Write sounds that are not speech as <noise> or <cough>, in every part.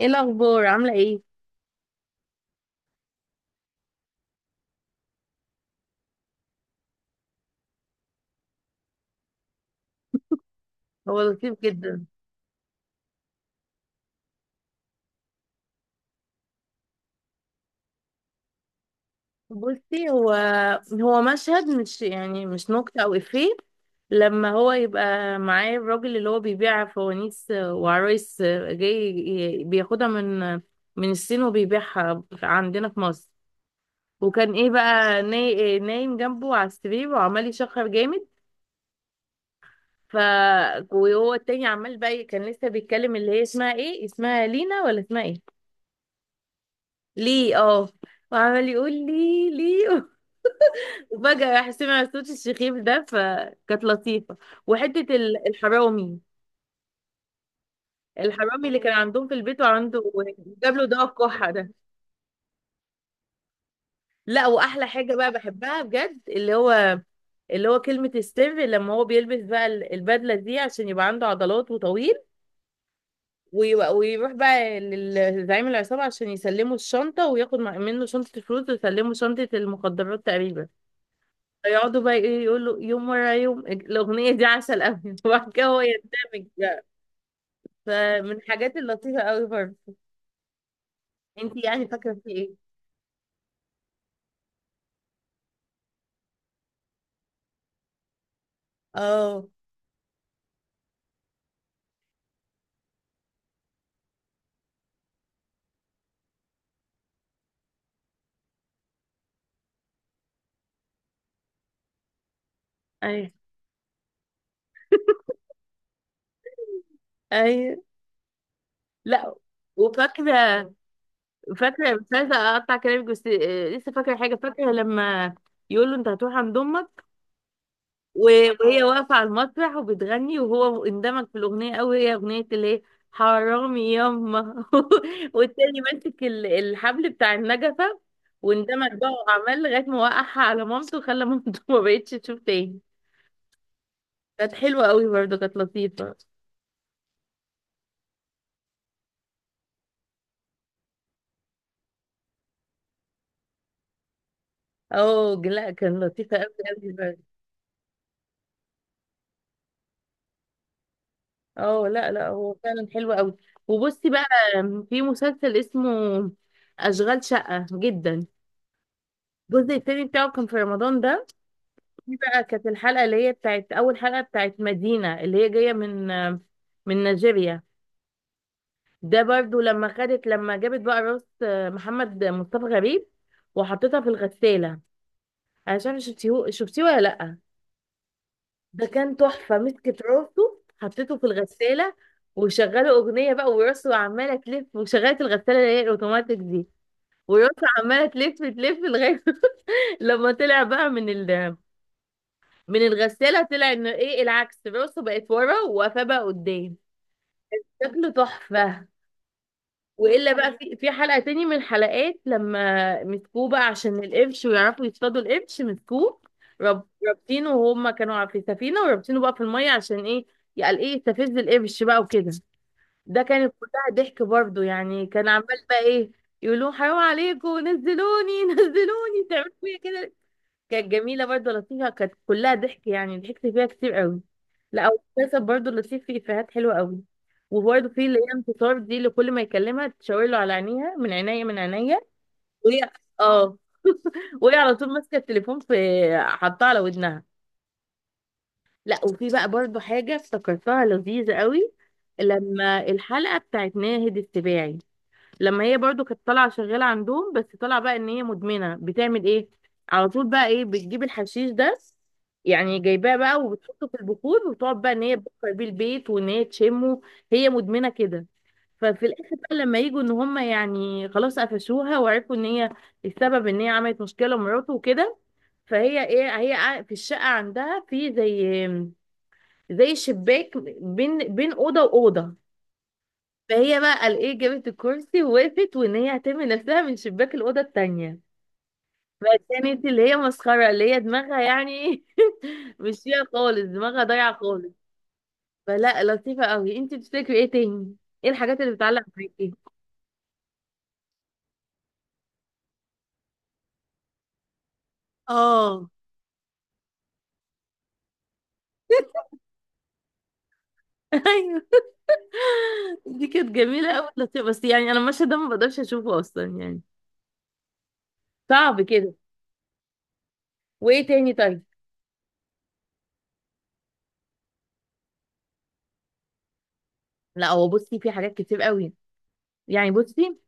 ايه الاخبار؟ عامله ايه؟ هو لطيف جدا. بصي هو هو مشهد، مش يعني مش نكته او افيه. لما هو يبقى معاه الراجل اللي هو بيبيع فوانيس وعرايس، جاي بياخدها من الصين وبيبيعها عندنا في مصر. وكان ايه بقى نايم جنبه على السرير وعمال يشخر جامد. ف وهو التاني عمال بقى كان لسه بيتكلم، اللي هي اسمها ايه، اسمها لينا ولا اسمها ايه؟ ليه؟ اه. وعمال يقول لي ليه. <laughs> وفجأة راح سمع صوت الشخير ده، فكانت لطيفة. وحتة الحرامي، الحرامي اللي كان عندهم في البيت وعنده، وجاب له دواء الكحة ده. لا، وأحلى حاجة بقى بحبها بجد، اللي هو كلمة السر لما هو بيلبس بقى البدلة دي عشان يبقى عنده عضلات وطويل، ويروح بقى لزعيم العصابة عشان يسلموا الشنطة وياخد منه شنطة الفلوس ويسلموا شنطة المخدرات تقريبا. يقعدوا بقى ايه، يقولوا يوم ورا يوم، الأغنية دي عسل أوي. <laughs> وبعد كده هو يندمج. فمن الحاجات اللطيفة قوي برضه. انت يعني فاكرة في ايه؟ اه. اي. اي. لا، وفاكرة، مش عايزة اقطع كلامك بس لسه فاكرة حاجة، فاكرة لما يقول له انت هتروح عند امك، وهي واقفة على المسرح وبتغني وهو اندمج في الاغنية قوي، هي اغنية اللي هي حرامي ياما. <laughs> والتاني ماسك الحبل بتاع النجفة، واندمج بقى وعمل لغاية ما وقعها على مامته وخلى مامته <laughs> ما بقتش تشوف تاني. كانت حلوة قوي برضه، كانت لطيفة. اه، لا كان لطيفة قوي قوي برضه. اه، لا لا هو فعلا حلو قوي. وبصي بقى، في مسلسل اسمه أشغال شقة جدا، الجزء التاني بتاعه كان في رمضان ده. دي بقى كانت الحلقة اللي هي بتاعت أول حلقة بتاعت مدينة اللي هي جاية من نيجيريا. ده برضو لما خدت لما جابت بقى راس محمد مصطفى غريب وحطيتها في الغسالة. أنا مش عارفة شفتيه ولا لأ. ده كان تحفة، مسكت راسه حطيته في الغسالة وشغلوا أغنية بقى وراسه عمالة تلف، وشغلت الغسالة اللي هي الأوتوماتيك دي، وراسه عمالة تلف تلف لغاية <laughs> لما طلع بقى من الغسالة، طلع إنه إيه، العكس، راسه بقت ورا وقفاه بقى قدام. شكله تحفة. والا بقى في حلقه تاني من الحلقات لما مسكوه بقى عشان القرش ويعرفوا يصطادوا القرش، مسكوه رابطينه وهم كانوا في سفينه، ورابطينه بقى في الميه عشان ايه، يعني ايه، يستفز القرش بقى وكده. ده كانت كلها ضحك برضو، يعني كان عمال بقى ايه، يقولوا حرام عليكم نزلوني <laughs> نزلوني تعملوا فيا كده. كانت جميلة برضه لطيفة، كانت كلها ضحك يعني، ضحكت فيها كتير قوي. لا المسلسل برضه لطيف فيه إفيهات حلوة قوي. وبرضه في اللي هي انتصار دي، اللي كل ما يكلمها تشاور له على عينيها، من عينيا، من عينيا، وهي اه <laughs> وهي على طول ماسكة التليفون في، حطها على ودنها. لا، وفي بقى برضه حاجة افتكرتها لذيذة قوي، لما الحلقة بتاعت ناهد السباعي، لما هي برضو كانت طالعه شغاله عندهم بس طالعه بقى ان هي مدمنه بتعمل ايه، على طول بقى ايه بتجيب الحشيش ده، يعني جايباه بقى وبتحطه في البخور وتقعد بقى ان هي تبخر بيه البيت وان هي تشمه، هي مدمنه كده. ففي الاخر بقى لما يجوا ان هم يعني خلاص قفشوها وعرفوا ان هي السبب، ان هي عملت مشكله لمراته وكده، فهي ايه، هي في الشقه عندها في زي شباك بين بين اوضه واوضه. فهي بقى الايه، جابت الكرسي ووقفت وان هي هترمي نفسها من شباك الاوضه التانية. فكانت اللي هي مسخره، اللي هي دماغها يعني <laughs> مش فيها خالص، دماغها ضايعه خالص. فلا، لطيفه قوي. انت بتفتكري ايه تاني؟ ايه الحاجات اللي بتعلق معاكي؟ اه. <laughs> ايوه، دي كانت جميله قوي لطيفه، بس يعني انا المشهد ده ما بقدرش اشوفه اصلا يعني، صعب كده. وايه تاني؟ طيب. لا، هو بصي في حاجات كتير قوي يعني، بصي،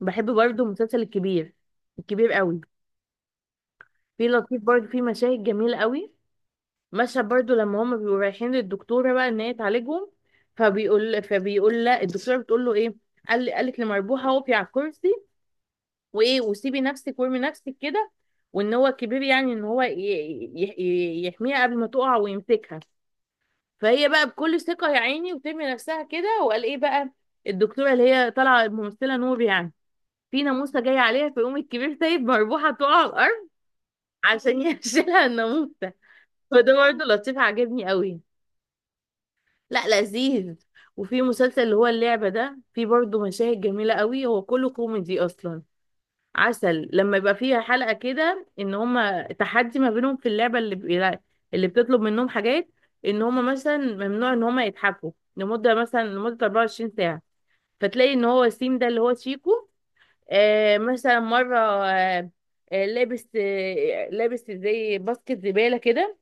بحب برضو المسلسل الكبير، الكبير قوي، في لطيف برضو، في مشاهد جميلة قوي. مشهد برضو لما هما بيبقوا رايحين للدكتورة بقى ان هي تعالجهم، فبيقول لا، الدكتورة بتقول له ايه، قالت لمربوحة اقفي على الكرسي، وايه، وسيبي نفسك وارمي نفسك كده، وان هو كبير يعني ان هو يحميها قبل ما تقع ويمسكها. فهي بقى بكل ثقة يا عيني، وترمي نفسها كده، وقال ايه بقى، الدكتورة اللي هي طالعة الممثلة نور يعني، في ناموسة جاية عليها، فيقوم الكبير سايب مربوحة تقع على الأرض عشان <laughs> يشيلها الناموسة. فده برضه لطيف، عجبني قوي. لا، لذيذ. وفي مسلسل اللي هو اللعبة ده، في برضه مشاهد جميلة قوي، هو كله كوميدي أصلا. عسل لما يبقى فيها حلقة كده إن هما تحدي ما بينهم في اللعبة، اللي بتطلب منهم حاجات، إن هما مثلا ممنوع إن هما يتحكوا لمدة، مثلا لمدة 24 ساعة. فتلاقي إن هو سيم ده اللي هو شيكو، مثلا مرة لابس زي باسكت زبالة كده،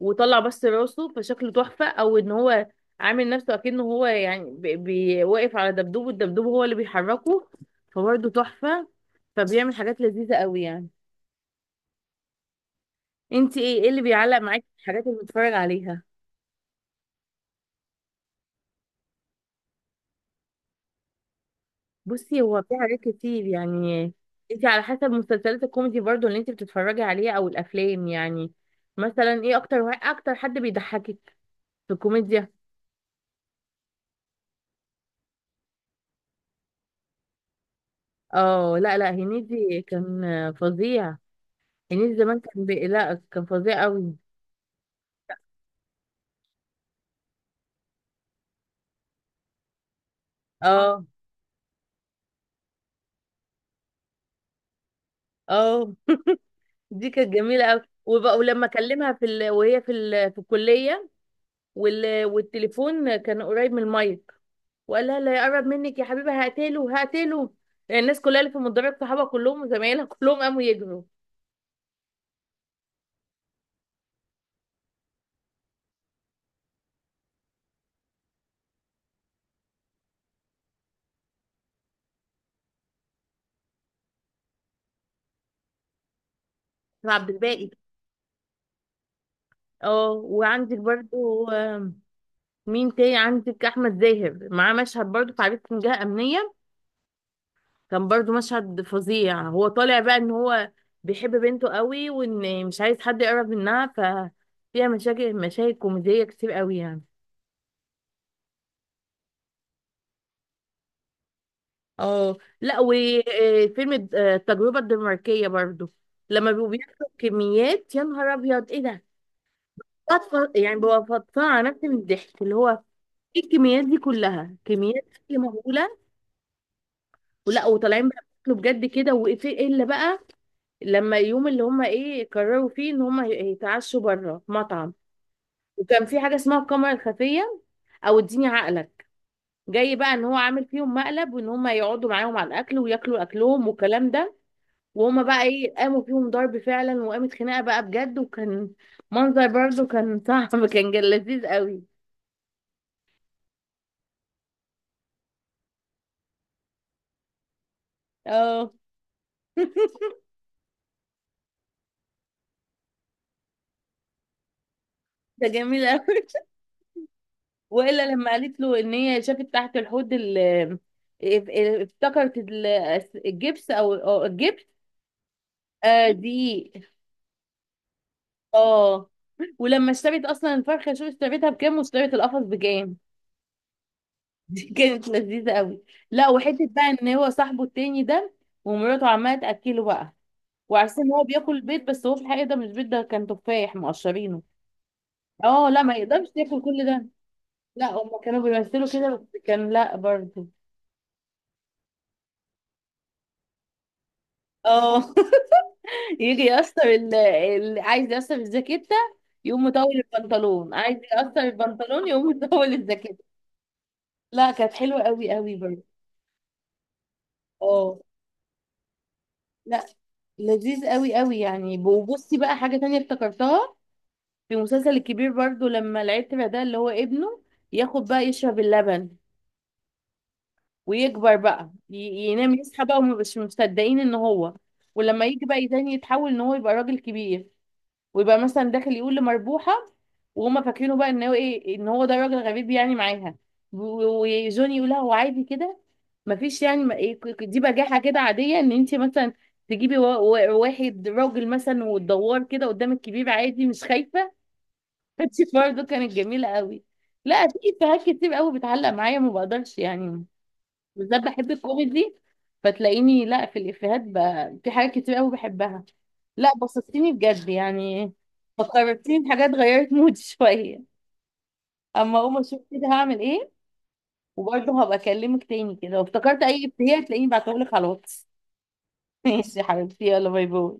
وطلع بس راسه فشكله تحفة، او ان هو عامل نفسه اكنه هو يعني واقف على دبدوب، والدبدوب هو اللي بيحركه، فبرضه تحفة. فبيعمل حاجات لذيذة قوي يعني. انت ايه اللي بيعلق معاكي في الحاجات اللي بتتفرج عليها؟ بصي، هو في حاجات كتير يعني. انت على حسب مسلسلات الكوميدي برضه اللي انت بتتفرجي عليها او الافلام يعني، مثلا ايه اكتر اكتر حد بيضحكك في الكوميديا؟ اه، لا لا، هنيدي كان فظيع. هنيدي زمان كان لا كان فظيع قوي. اه اه. دي كانت جميله قوي، وبقى ولما اكلمها وهي في الكليه، والتليفون كان قريب من المايك، وقال لها لا يقرب منك يا حبيبي، هقتله هقتله، يعني الناس كلها اللي في المدرج صحابها كلهم وزمايلها كلهم قاموا يجروا. عبد الباقي. اه، وعندك برضو مين تاني عندك؟ احمد زاهر معاه مشهد برضو في عريس من جهه امنيه، كان برضو مشهد فظيع. هو طالع بقى ان هو بيحب بنته قوي وان مش عايز حد يقرب منها، ففيها مشاكل، مشاهد كوميدية كتير قوي يعني. اه، لا، وفيلم التجربة الدنماركية برضو، لما بيبقوا بياكلوا كميات، يا نهار ابيض ايه ده، يعني ببقى فطانة على نفسي من الضحك، اللي هو ايه، الكميات دي كلها كميات أكل مهولة. ولا وطالعين بقى بياكلوا بجد كده وايه. الا بقى لما يوم اللي هم ايه قرروا فيه ان هم يتعشوا بره مطعم، وكان في حاجه اسمها الكاميرا الخفيه او اديني عقلك، جاي بقى ان هو عامل فيهم مقلب وان هم يقعدوا معاهم على الاكل وياكلوا اكلهم والكلام ده. وهم بقى ايه قاموا فيهم ضرب فعلا، وقامت خناقه بقى بجد، وكان منظر برضه كان <laughs> صعب، كان لذيذ قوي. اه، ده جميل قوي. <laughs> والا لما قالت له ان هي شافت تحت الحوض اف- افتكرت الجبس أو الجبس، دي. اه، ولما اشتريت اصلا الفرخه، شوف اشتريتها بكام واشتريت القفص بكام. دي <laughs> كانت لذيذة قوي. لا، وحتة بقى ان هو صاحبه التاني ده ومراته عمالة تأكله بقى، وعارفين ان هو بياكل بيض، بس هو في الحقيقة ده مش بيض، ده كان تفاح مقشرينه. اه، لا ما يقدرش ياكل كل ده. لا، هما كانوا بيمثلوا كده بس، كان لا برضه. اه <laughs> يجي يقصر، اللي عايز يقصر الجاكيتة يقوم مطول البنطلون، عايز يقصر البنطلون يقوم <laughs> مطول الجاكيتة. لا كانت حلوة قوي قوي برضه. اه، لا، لذيذ قوي قوي يعني. وبصي بقى حاجة تانية افتكرتها، في مسلسل الكبير برضو لما العيال تبع ده اللي هو ابنه، ياخد بقى يشرب اللبن ويكبر بقى ينام يصحى بقى، ومبقاش مصدقين ان هو، ولما يجي بقى تاني يتحول ان هو يبقى راجل كبير، ويبقى مثلا داخل يقول لمربوحة، وهما فاكرينه بقى ان هو ايه، ان هو ده راجل غريب يعني معاها، وجوني يقول لها هو عادي كده، مفيش يعني ما إيه، دي بجاحة كده عادية، ان انت مثلا تجيبي واحد راجل مثلا وتدور كده قدام الكبير عادي مش خايفة. كانتش برضه، كانت جميلة قوي. لا، في إفيهات كتير قوي بتعلق معايا ما بقدرش يعني، بالذات بحب الكوميدي، فتلاقيني لا في الإفيهات بقى في حاجات كتير قوي بحبها. لا، بسطتيني بجد يعني. فكرتيني بحاجات غيرت <laughs> مودي شوية. أما أقوم أشوف كده هعمل إيه. وبرضه هبقى أكلمك تاني كده لو افتكرت أي إفيه هتلاقيني بعتهولك على الواتس. <laughs> ماشي يا حبيبتي، يلا باي باي.